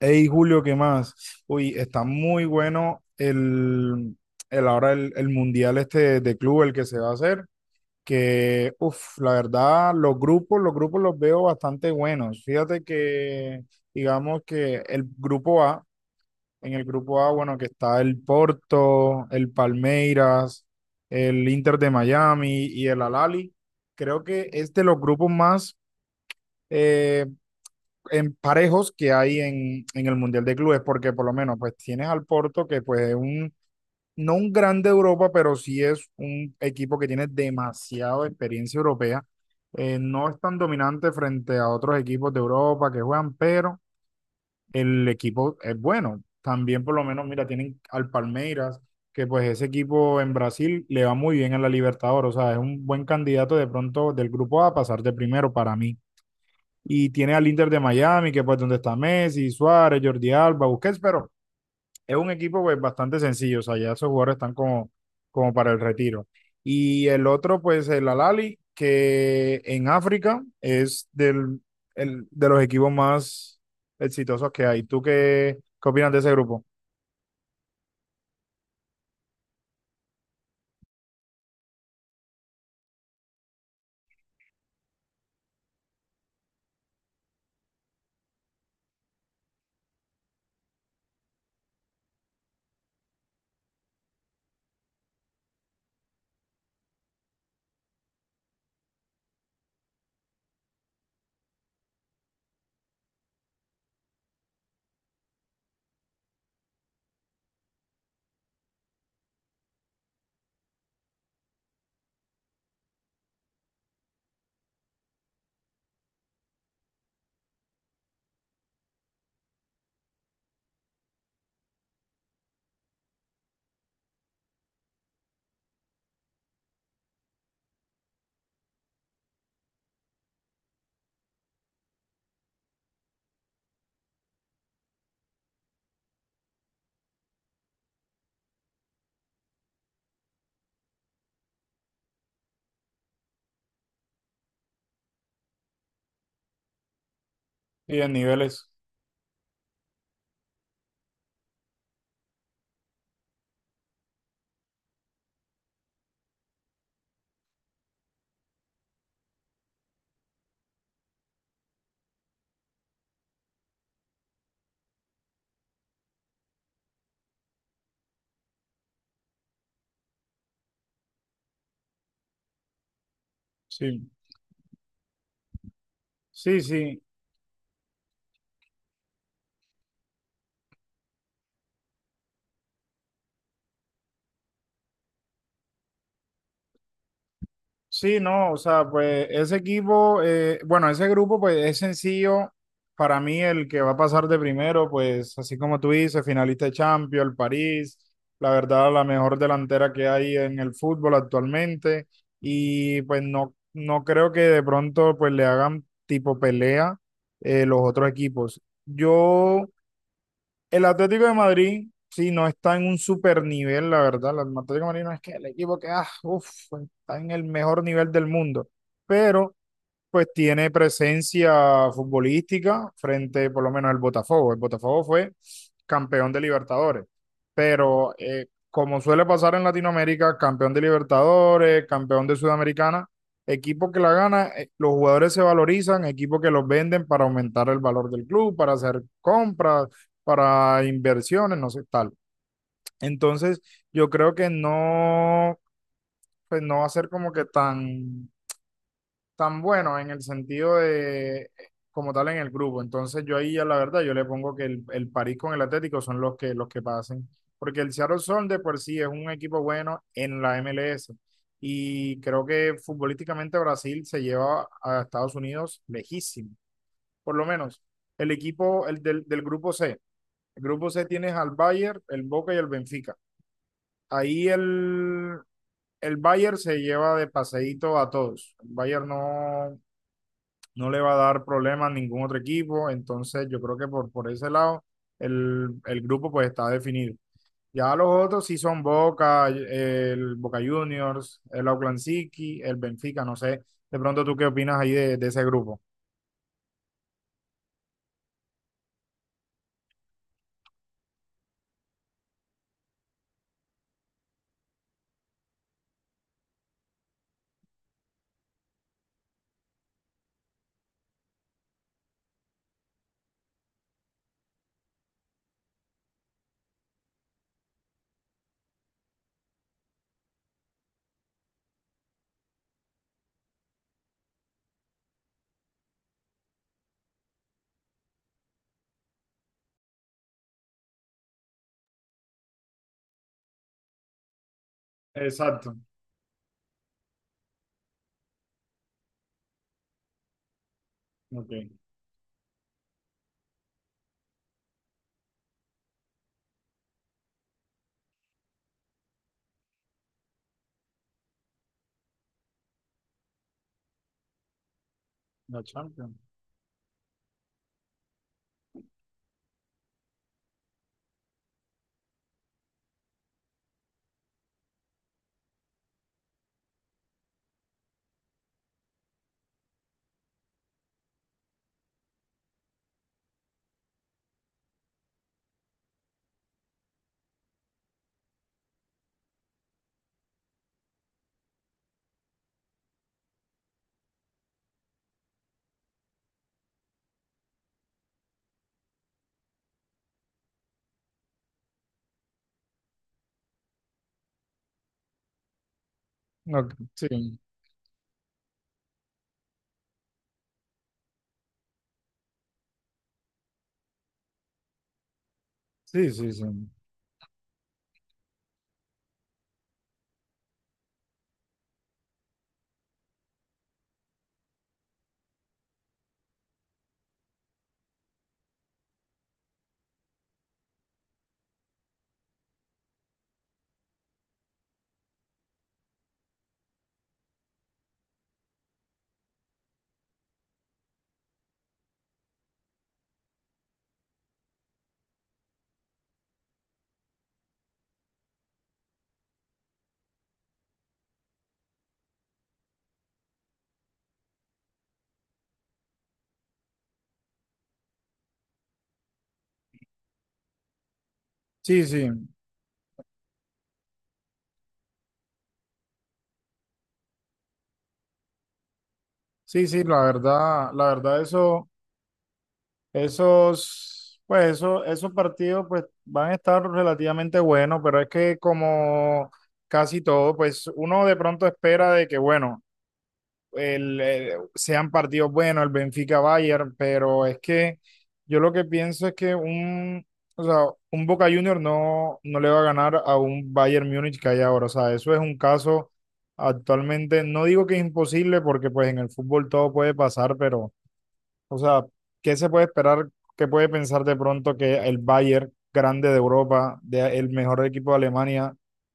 Hey Julio, ¿qué más? Uy, está muy bueno el mundial este de club, el que se va a hacer, que, uff, la verdad, los grupos los veo bastante buenos. Fíjate que, digamos que el grupo A, en el grupo A, bueno, que está el Porto, el Palmeiras, el Inter de Miami y el Al Ahly, creo que es de los grupos más... eh, en parejos que hay en el Mundial de Clubes, porque por lo menos pues tienes al Porto que pues es un, no un grande de Europa, pero sí es un equipo que tiene demasiada experiencia europea. No es tan dominante frente a otros equipos de Europa que juegan, pero el equipo es bueno. También por lo menos, mira, tienen al Palmeiras, que pues ese equipo en Brasil le va muy bien en la Libertadores, o sea, es un buen candidato de pronto del grupo A a pasar de primero para mí. Y tiene al Inter de Miami, que pues donde está Messi, Suárez, Jordi Alba, Busquets, pero es un equipo pues bastante sencillo, o sea, ya esos jugadores están como, como para el retiro. Y el otro pues el Alali, que en África es del, de los equipos más exitosos que hay. ¿Tú qué, qué opinas de ese grupo? Y en niveles, sí. Sí, sí. Sí, no, o sea, pues ese equipo, bueno, ese grupo, pues es sencillo. Para mí, el que va a pasar de primero, pues así como tú dices, finalista de Champions, el París, la verdad, la mejor delantera que hay en el fútbol actualmente. Y pues no, no creo que de pronto pues le hagan tipo pelea los otros equipos. Yo el Atlético de Madrid, sí, no está en un super nivel, la verdad. El Atlético de Madrid no es que el equipo que, ah, uf, está en el mejor nivel del mundo. Pero pues tiene presencia futbolística frente por lo menos al Botafogo. El Botafogo fue campeón de Libertadores, pero como suele pasar en Latinoamérica, campeón de Libertadores, campeón de Sudamericana, equipo que la gana, los jugadores se valorizan, equipo que los venden para aumentar el valor del club, para hacer compras, para inversiones, no sé, tal. Entonces, yo creo que no, pues no va a ser como que tan bueno en el sentido de como tal en el grupo. Entonces yo ahí ya la verdad yo le pongo que el París con el Atlético son los que pasen, porque el Seattle Sound de por sí es un equipo bueno en la MLS y creo que futbolísticamente Brasil se lleva a Estados Unidos lejísimo. Por lo menos el equipo el del grupo C. El grupo C tienes al Bayern, el Boca y el Benfica. Ahí el Bayern se lleva de paseíto a todos. El Bayern no, no le va a dar problemas a ningún otro equipo, entonces yo creo que por ese lado el grupo pues está definido. Ya los otros sí son Boca, el Boca Juniors, el Auckland City, el Benfica, no sé, de pronto tú qué opinas ahí de ese grupo. Exacto. Ok. La Champions. Ok. Sí, sí, sí, sí. Sí, sí. Sí, sí, la verdad eso. Esos, pues eso, esos partidos pues van a estar relativamente buenos, pero es que como casi todo, pues uno de pronto espera de que, bueno, sean partidos buenos, el Benfica-Bayern, pero es que yo lo que pienso es que un, o sea, un Boca Junior no, no le va a ganar a un Bayern Múnich que hay ahora, o sea, eso es un caso actualmente, no digo que es imposible porque pues en el fútbol todo puede pasar, pero o sea, ¿qué se puede esperar? ¿Qué puede pensar de pronto que el Bayern, grande de Europa, el mejor equipo de Alemania,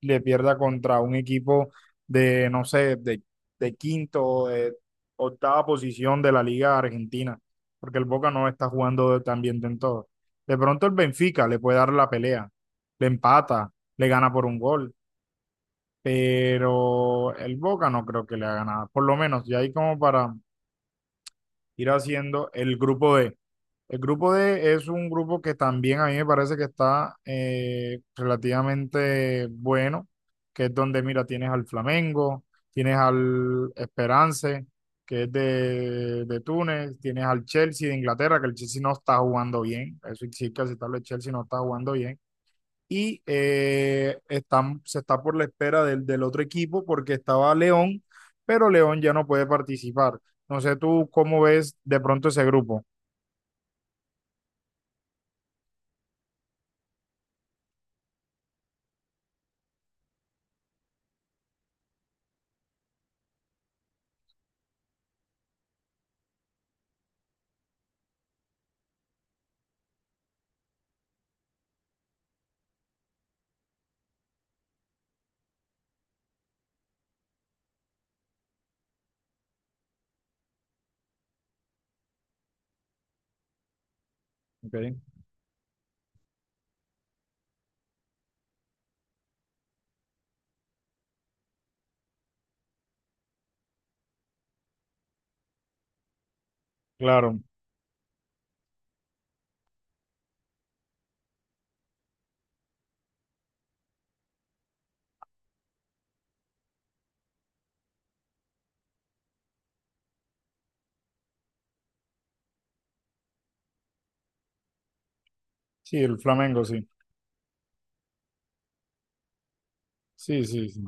le pierda contra un equipo de, no sé, de quinto o de octava posición de la Liga Argentina? Porque el Boca no está jugando tan bien de en todo. De pronto el Benfica le puede dar la pelea, le empata, le gana por un gol, pero el Boca no creo que le haga nada. Por lo menos, ya hay como para ir haciendo el grupo D. El grupo D es un grupo que también a mí me parece que está relativamente bueno, que es donde, mira, tienes al Flamengo, tienes al Esperance, que es de Túnez, tienes al Chelsea de Inglaterra, que el Chelsea no está jugando bien, eso sí hay que aceptarlo, el Chelsea no está jugando bien, y se está por la espera del otro equipo porque estaba León, pero León ya no puede participar. No sé tú cómo ves de pronto ese grupo. Ok. Claro. Sí, el Flamengo, sí. Sí, sí, sí.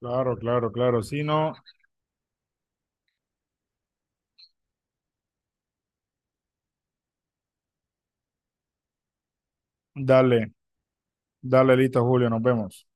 Claro, claro, claro. Si no, dale, dale listo, Julio, nos vemos.